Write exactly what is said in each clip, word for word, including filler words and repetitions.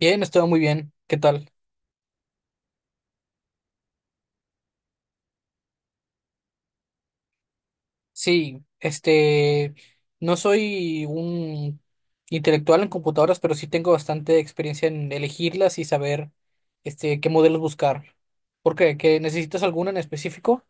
Bien, estuvo muy bien. ¿Qué tal? Sí, este, no soy un intelectual en computadoras, pero sí tengo bastante experiencia en elegirlas y saber, este, qué modelos buscar. ¿Por qué? ¿Que necesitas alguna en específico?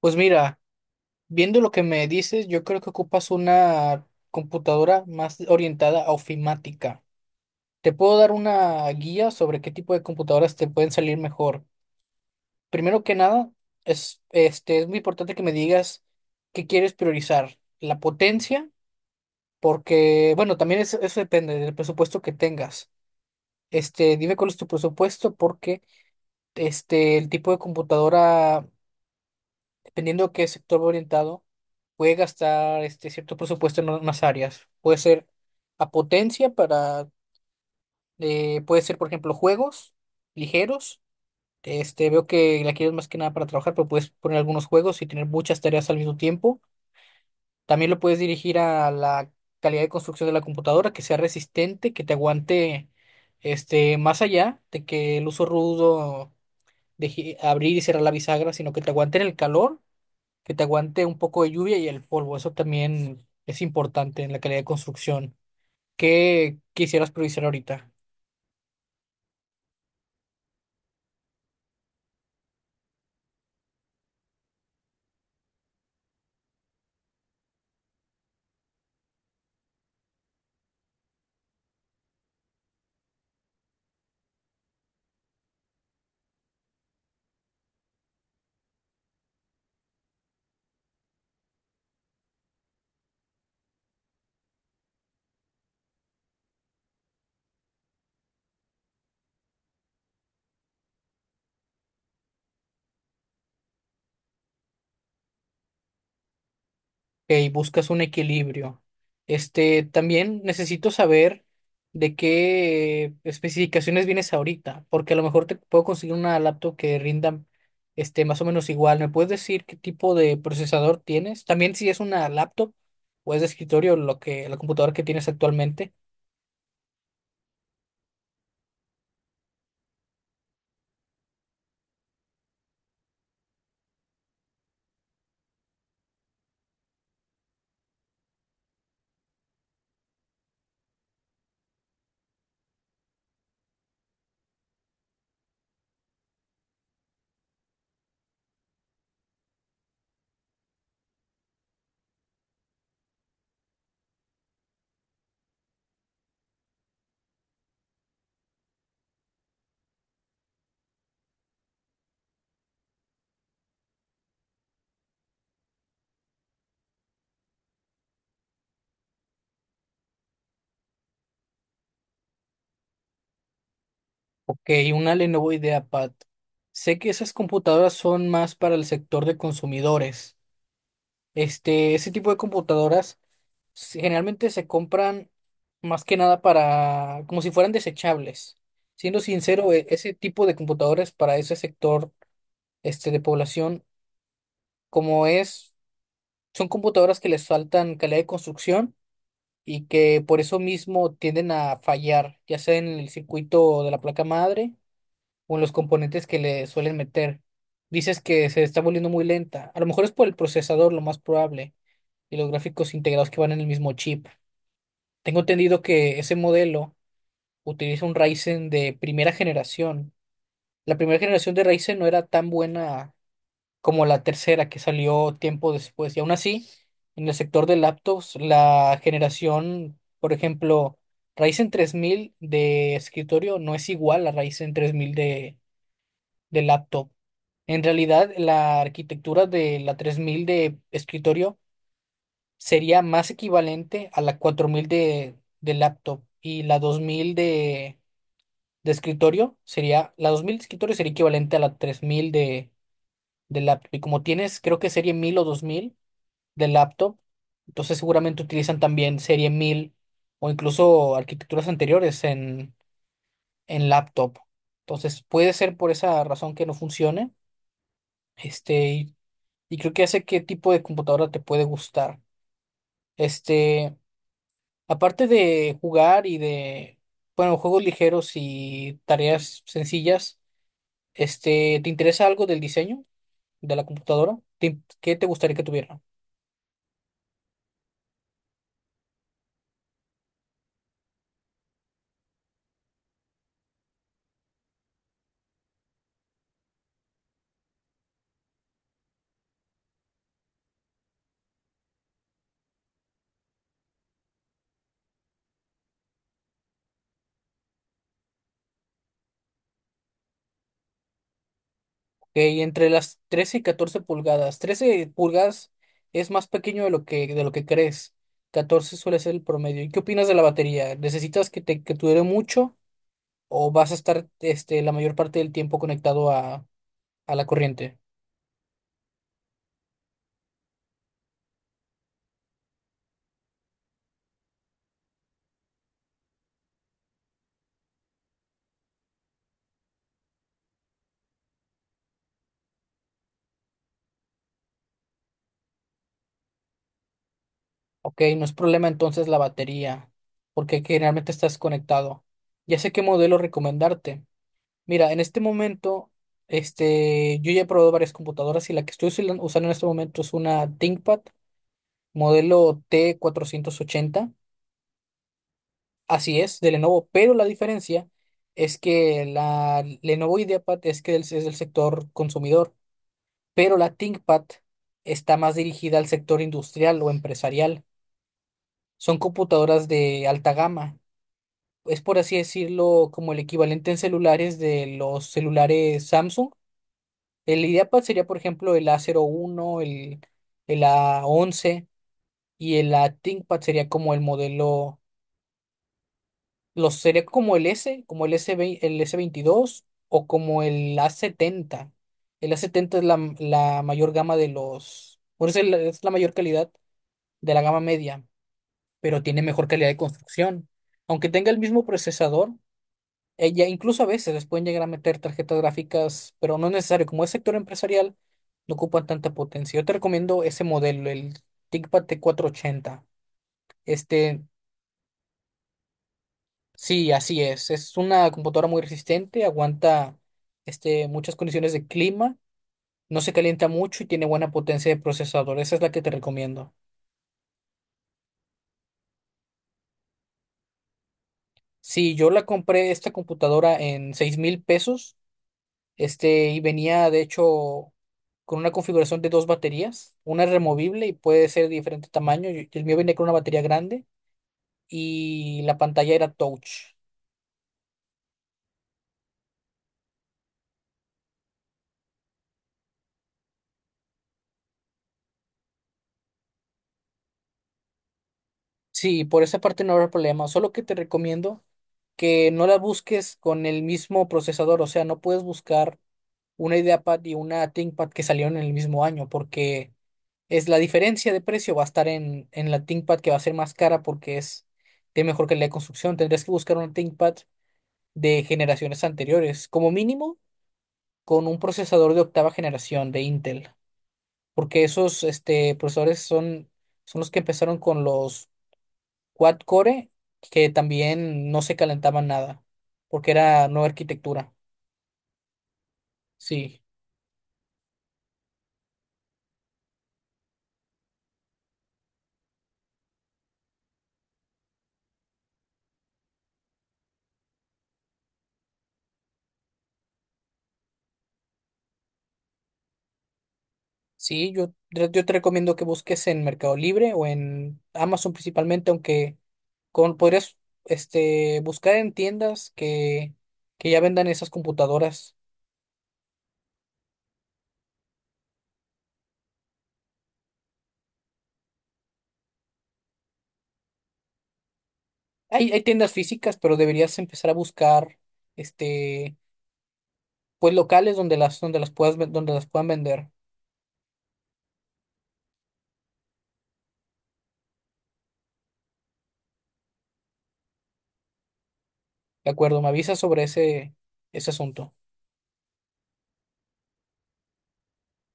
Pues mira, viendo lo que me dices, yo creo que ocupas una computadora más orientada a ofimática. Te puedo dar una guía sobre qué tipo de computadoras te pueden salir mejor. Primero que nada, es, este, es muy importante que me digas qué quieres priorizar, la potencia, porque, bueno, también eso, eso depende del presupuesto que tengas. Este, dime cuál es tu presupuesto, porque este, el tipo de computadora, dependiendo de qué sector va orientado, puede gastar este, cierto presupuesto en unas áreas. Puede ser a potencia para, eh, puede ser, por ejemplo, juegos ligeros. Este, veo que la quieres más que nada para trabajar, pero puedes poner algunos juegos y tener muchas tareas al mismo tiempo. También lo puedes dirigir a la calidad de construcción de la computadora, que sea resistente, que te aguante este, más allá de que el uso rudo de gi- abrir y cerrar la bisagra, sino que te aguante en el calor, que te aguante un poco de lluvia y el polvo. Eso también es importante en la calidad de construcción. ¿Qué quisieras priorizar ahorita? Ok, buscas un equilibrio. Este, también necesito saber de qué especificaciones vienes ahorita, porque a lo mejor te puedo conseguir una laptop que rinda este, más o menos igual. ¿Me puedes decir qué tipo de procesador tienes? También si es una laptop o es de escritorio, lo que, la computadora que tienes actualmente. Ok, una Lenovo IdeaPad. Sé que esas computadoras son más para el sector de consumidores. Este, ese tipo de computadoras se- generalmente se compran más que nada para, como si fueran desechables. Siendo sincero, e- ese tipo de computadoras para ese sector este, de población, como es, son computadoras que les faltan calidad de construcción y que por eso mismo tienden a fallar, ya sea en el circuito de la placa madre o en los componentes que le suelen meter. Dices que se está volviendo muy lenta. A lo mejor es por el procesador, lo más probable, y los gráficos integrados que van en el mismo chip. Tengo entendido que ese modelo utiliza un Ryzen de primera generación. La primera generación de Ryzen no era tan buena como la tercera que salió tiempo después. Y aún así, en el sector de laptops, la generación, por ejemplo, Ryzen tres mil de escritorio no es igual a Ryzen tres mil de, de laptop. En realidad, la arquitectura de la tres mil de escritorio sería más equivalente a la cuatro mil de, de laptop y la dos mil de de escritorio sería, la dos mil de escritorio sería equivalente a la tres mil de, de laptop. Y como tienes, creo que serie mil o dos mil de laptop, entonces seguramente utilizan también serie mil o incluso arquitecturas anteriores en, en laptop. Entonces puede ser por esa razón que no funcione. Este, y, y creo que hace qué tipo de computadora te puede gustar. Este, aparte de jugar y de, bueno, juegos ligeros y tareas sencillas. Este, ¿te interesa algo del diseño de la computadora? ¿Te- ¿Qué te gustaría que tuviera? Ok, entre las trece y catorce pulgadas. Trece pulgadas es más pequeño de lo que, de lo que crees. Catorce suele ser el promedio. ¿Y qué opinas de la batería? ¿Necesitas que te que dure mucho o vas a estar este, la mayor parte del tiempo conectado a, a la corriente? Ok, no es problema entonces la batería, porque generalmente estás conectado. Ya sé qué modelo recomendarte. Mira, en este momento, este, yo ya he probado varias computadoras y la que estoy usilan- usando en este momento es una ThinkPad modelo t cuatrocientos ochenta. Así es, de Lenovo, pero la diferencia es que la Lenovo IdeaPad es que del- es del sector consumidor, pero la ThinkPad está más dirigida al sector industrial o empresarial. Son computadoras de alta gama. Es por así decirlo como el equivalente en celulares de los celulares Samsung. El IdeaPad sería, por ejemplo, el a cero uno el, el a once, y el A ThinkPad sería como el modelo, los sería como el S, como el S veinte, el s veintidós o como el a setenta. El a setenta es la, la mayor gama de los, por eso es la es la mayor calidad de la gama media, pero tiene mejor calidad de construcción. Aunque tenga el mismo procesador, ella, incluso a veces les pueden llegar a meter tarjetas gráficas, pero no es necesario. Como es sector empresarial, no ocupan tanta potencia. Yo te recomiendo ese modelo, el ThinkPad t cuatrocientos ochenta. Este, sí, así es. Es una computadora muy resistente, aguanta este, muchas condiciones de clima, no se calienta mucho y tiene buena potencia de procesador. Esa es la que te recomiendo. Sí, yo la compré esta computadora en seis mil pesos. Este, y venía de hecho con una configuración de dos baterías, una es removible y puede ser de diferente tamaño. Y el mío venía con una batería grande y la pantalla era touch. Sí, por esa parte no habrá problema, solo que te recomiendo que no la busques con el mismo procesador, o sea, no puedes buscar una IdeaPad y una ThinkPad que salieron en el mismo año, porque es la diferencia de precio va a estar en, en la ThinkPad que va a ser más cara porque es de mejor calidad de construcción. Tendrías que buscar una ThinkPad de generaciones anteriores, como mínimo con un procesador de octava generación de Intel, porque esos este, procesadores son, son los que empezaron con los quad core, que también no se calentaban nada, porque era nueva arquitectura. Sí, sí, yo, yo te recomiendo que busques en Mercado Libre o en Amazon principalmente, aunque con, podrías este, buscar en tiendas que, que ya vendan esas computadoras. Hay, hay tiendas físicas, pero deberías empezar a buscar este, pues locales donde las, donde las puedas, ven- donde las puedan vender. De acuerdo, me avisas sobre ese, ese asunto.